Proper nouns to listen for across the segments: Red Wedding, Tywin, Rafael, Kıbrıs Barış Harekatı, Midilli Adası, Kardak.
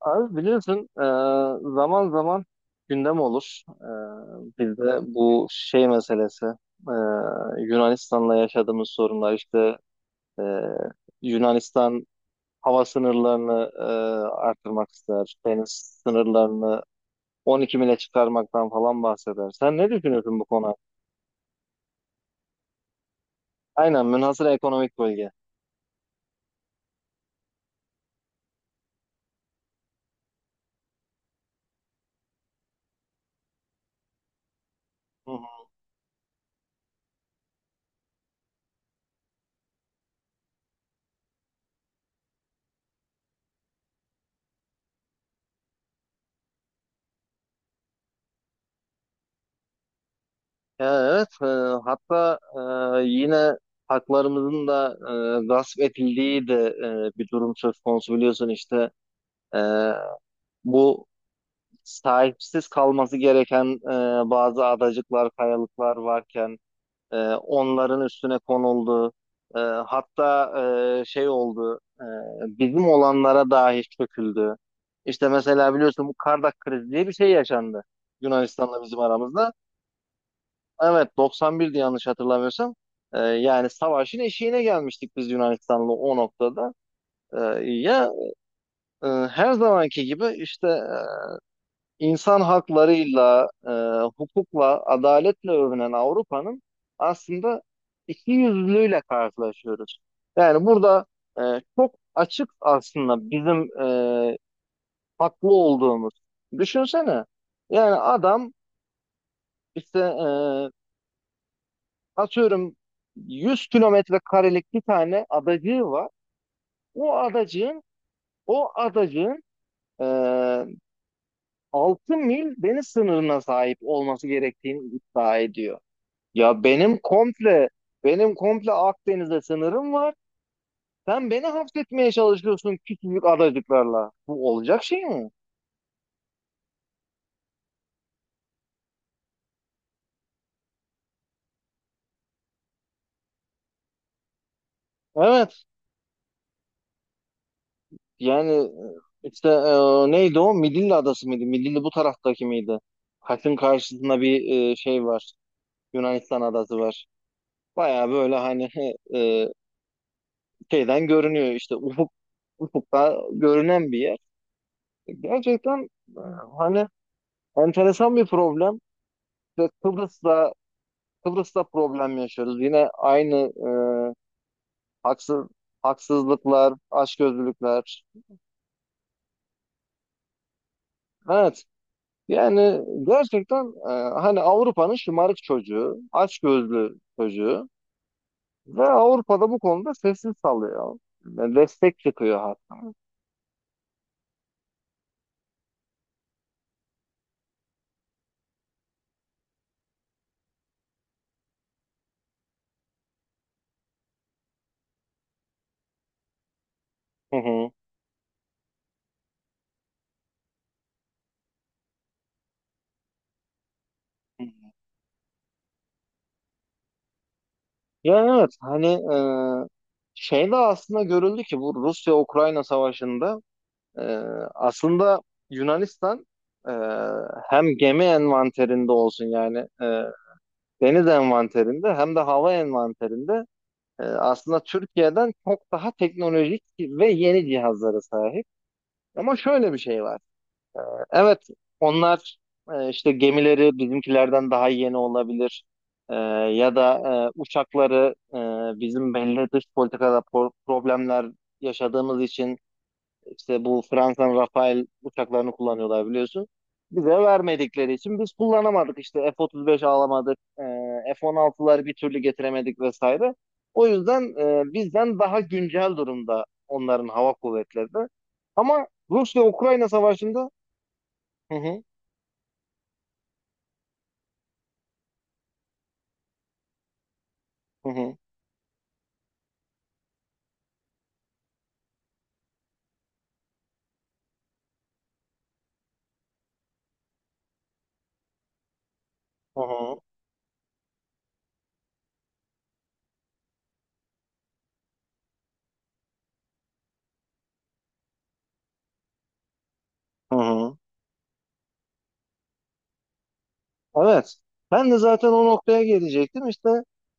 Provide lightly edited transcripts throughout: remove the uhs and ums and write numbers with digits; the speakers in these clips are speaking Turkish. Abi biliyorsun zaman zaman gündem olur. Bizde bu şey meselesi e, Yunanistan'la yaşadığımız sorunlar işte e, Yunanistan hava sınırlarını artırmak ister. Deniz sınırlarını 12 mile çıkarmaktan falan bahseder. Sen ne düşünüyorsun bu konu hakkında? Aynen, münhasır ekonomik bölge. Ya evet, hatta yine haklarımızın da gasp edildiği de bir durum söz konusu, biliyorsun işte e, bu sahipsiz kalması gereken bazı adacıklar, kayalıklar varken onların üstüne konuldu. Hatta şey oldu, bizim olanlara dahi çöküldü. İşte mesela biliyorsun, bu Kardak krizi diye bir şey yaşandı Yunanistan'la bizim aramızda. Evet, 91'di yanlış hatırlamıyorsam. Yani savaşın eşiğine gelmiştik biz Yunanistan'la o noktada. Ee, ya her zamanki gibi işte insan haklarıyla, hukukla, adaletle övünen Avrupa'nın aslında iki yüzlülüğüyle karşılaşıyoruz. Yani burada e, çok açık aslında bizim e, haklı olduğumuz. Düşünsene, yani adam işte atıyorum 100 kilometre karelik bir tane adacığı var. O adacığın o adacığın e, 6 mil deniz sınırına sahip olması gerektiğini iddia ediyor. Ya benim komple Akdeniz'e sınırım var. Sen beni hapsetmeye çalışıyorsun küçücük adacıklarla. Bu olacak şey mi? Evet. Yani işte neydi o? Midilli Adası mıydı? Midilli bu taraftaki miydi? Kaş'ın karşısında bir şey var. Yunanistan adası var. Baya böyle, hani e, şeyden görünüyor işte, ufukta görünen bir yer. Gerçekten e, hani enteresan bir problem. İşte Kıbrıs'ta problem yaşıyoruz. Yine aynı e, haksız haksızlıklar, açgözlülükler. Evet. Yani gerçekten hani Avrupa'nın şımarık çocuğu, açgözlü çocuğu ve Avrupa'da bu konuda sessiz kalıyor. Destek çıkıyor hatta. Hı hı. Yani evet, hani e, şey de aslında görüldü ki bu Rusya-Ukrayna savaşında e, aslında Yunanistan e, hem gemi envanterinde olsun, yani deniz envanterinde, hem de hava envanterinde aslında Türkiye'den çok daha teknolojik ve yeni cihazlara sahip. Ama şöyle bir şey var. Evet, onlar işte gemileri bizimkilerden daha yeni olabilir. E, ya da uçakları bizim belli dış politikada problemler yaşadığımız için işte, bu Fransa'nın Rafael uçaklarını kullanıyorlar, biliyorsun. Bize vermedikleri için biz kullanamadık işte, F-35 alamadık, F-16'ları bir türlü getiremedik vesaire. O yüzden bizden daha güncel durumda onların hava kuvvetleri de. Ama Rusya-Ukrayna savaşında... Hı hı, hı hı. Hı hı, hı hı. Evet. Ben de zaten o noktaya gelecektim. İşte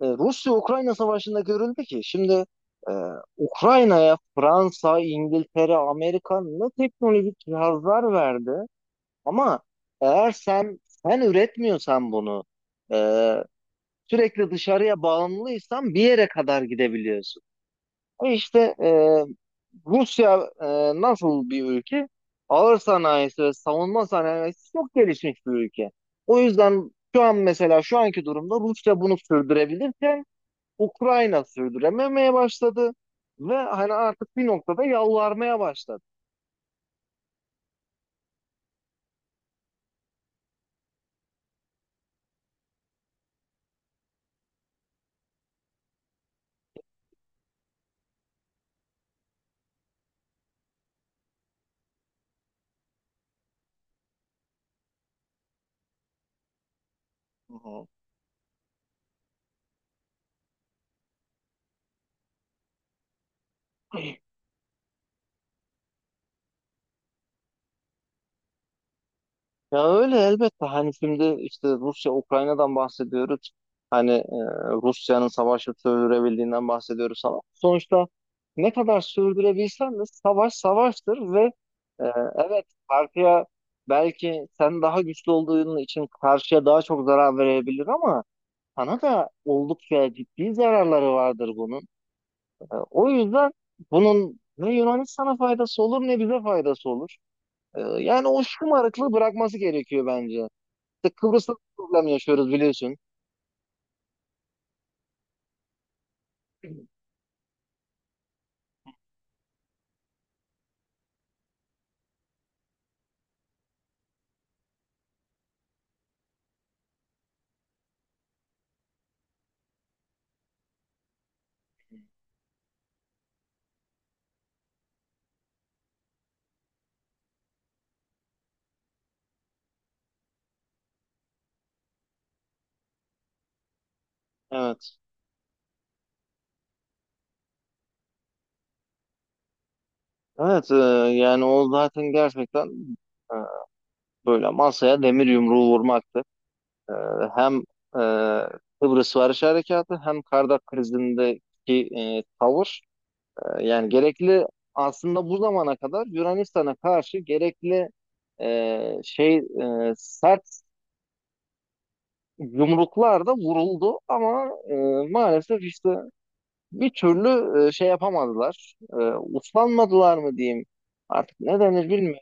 Rusya-Ukrayna savaşında görüldü ki şimdi e, Ukrayna'ya Fransa, İngiltere, Amerika ne teknolojik cihazlar verdi. Ama eğer sen üretmiyorsan bunu, e, sürekli dışarıya bağımlıysan, bir yere kadar gidebiliyorsun. İşte Rusya nasıl bir ülke? Ağır sanayisi ve savunma sanayisi çok gelişmiş bir ülke. O yüzden şu an, mesela şu anki durumda Rusya bunu sürdürebilirken Ukrayna sürdürememeye başladı ve hani artık bir noktada yalvarmaya başladı. Ya öyle elbette, hani şimdi işte Rusya Ukrayna'dan bahsediyoruz. Hani Rusya'nın savaşı sürdürebildiğinden bahsediyoruz ama sonuçta ne kadar sürdürebilsen de savaş savaştır ve e, evet, karşıya, belki sen daha güçlü olduğun için, karşıya daha çok zarar verebilir ama sana da oldukça ciddi zararları vardır bunun. E, o yüzden bunun ne Yunanistan'a faydası olur, ne bize faydası olur. Yani o şımarıklığı bırakması gerekiyor bence. İşte Kıbrıs'ta da problem yaşıyoruz, biliyorsun. Evet. Evet, yani o zaten gerçekten e, böyle masaya demir yumruğu vurmaktı. E, hem e, Kıbrıs Barış Harekatı, hem Kardak krizindeki tavır. Yani gerekli, aslında bu zamana kadar Yunanistan'a karşı gerekli şey, sert yumruklar da vuruldu ama maalesef işte bir türlü şey yapamadılar. Uslanmadılar mı diyeyim. Artık ne denir bilmiyorum.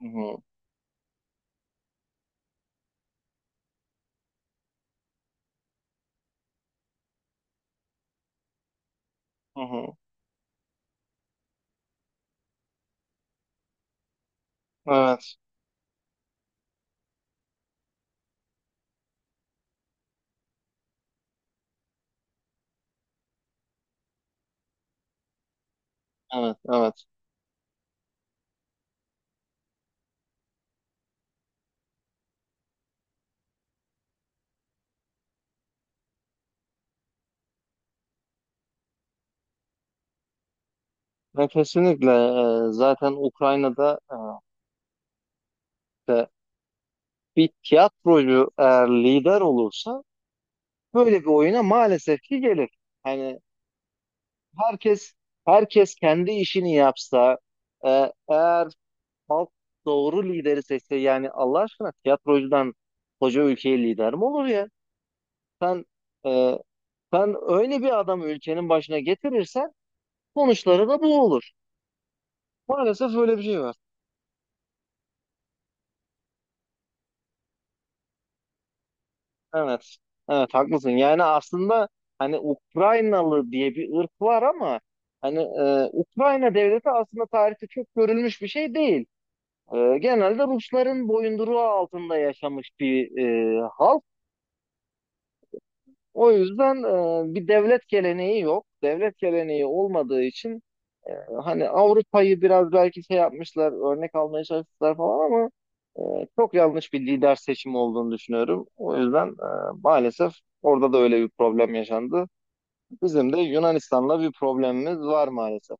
Hı hı, hı hı. Evet, evet, evet. Ve kesinlikle zaten Ukrayna'da de bir tiyatrocu eğer lider olursa böyle bir oyuna maalesef ki gelir. Hani herkes herkes kendi işini yapsa, eğer halk doğru lideri seçse, yani Allah aşkına, tiyatrocudan koca ülkeye lider mi olur ya? Sen e, Sen öyle bir adamı ülkenin başına getirirsen sonuçları da bu olur. Maalesef öyle bir şey var. Evet. Evet, haklısın. Yani aslında, hani Ukraynalı diye bir ırk var ama hani Ukrayna devleti aslında tarihte çok görülmüş bir şey değil. Genelde Rusların boyunduruğu altında yaşamış bir halk. O yüzden bir devlet geleneği yok. Devlet geleneği olmadığı için e, hani Avrupa'yı biraz belki şey yapmışlar, örnek almaya çalıştılar falan ama çok yanlış bir lider seçimi olduğunu düşünüyorum. O yüzden maalesef orada da öyle bir problem yaşandı. Bizim de Yunanistan'la bir problemimiz var maalesef.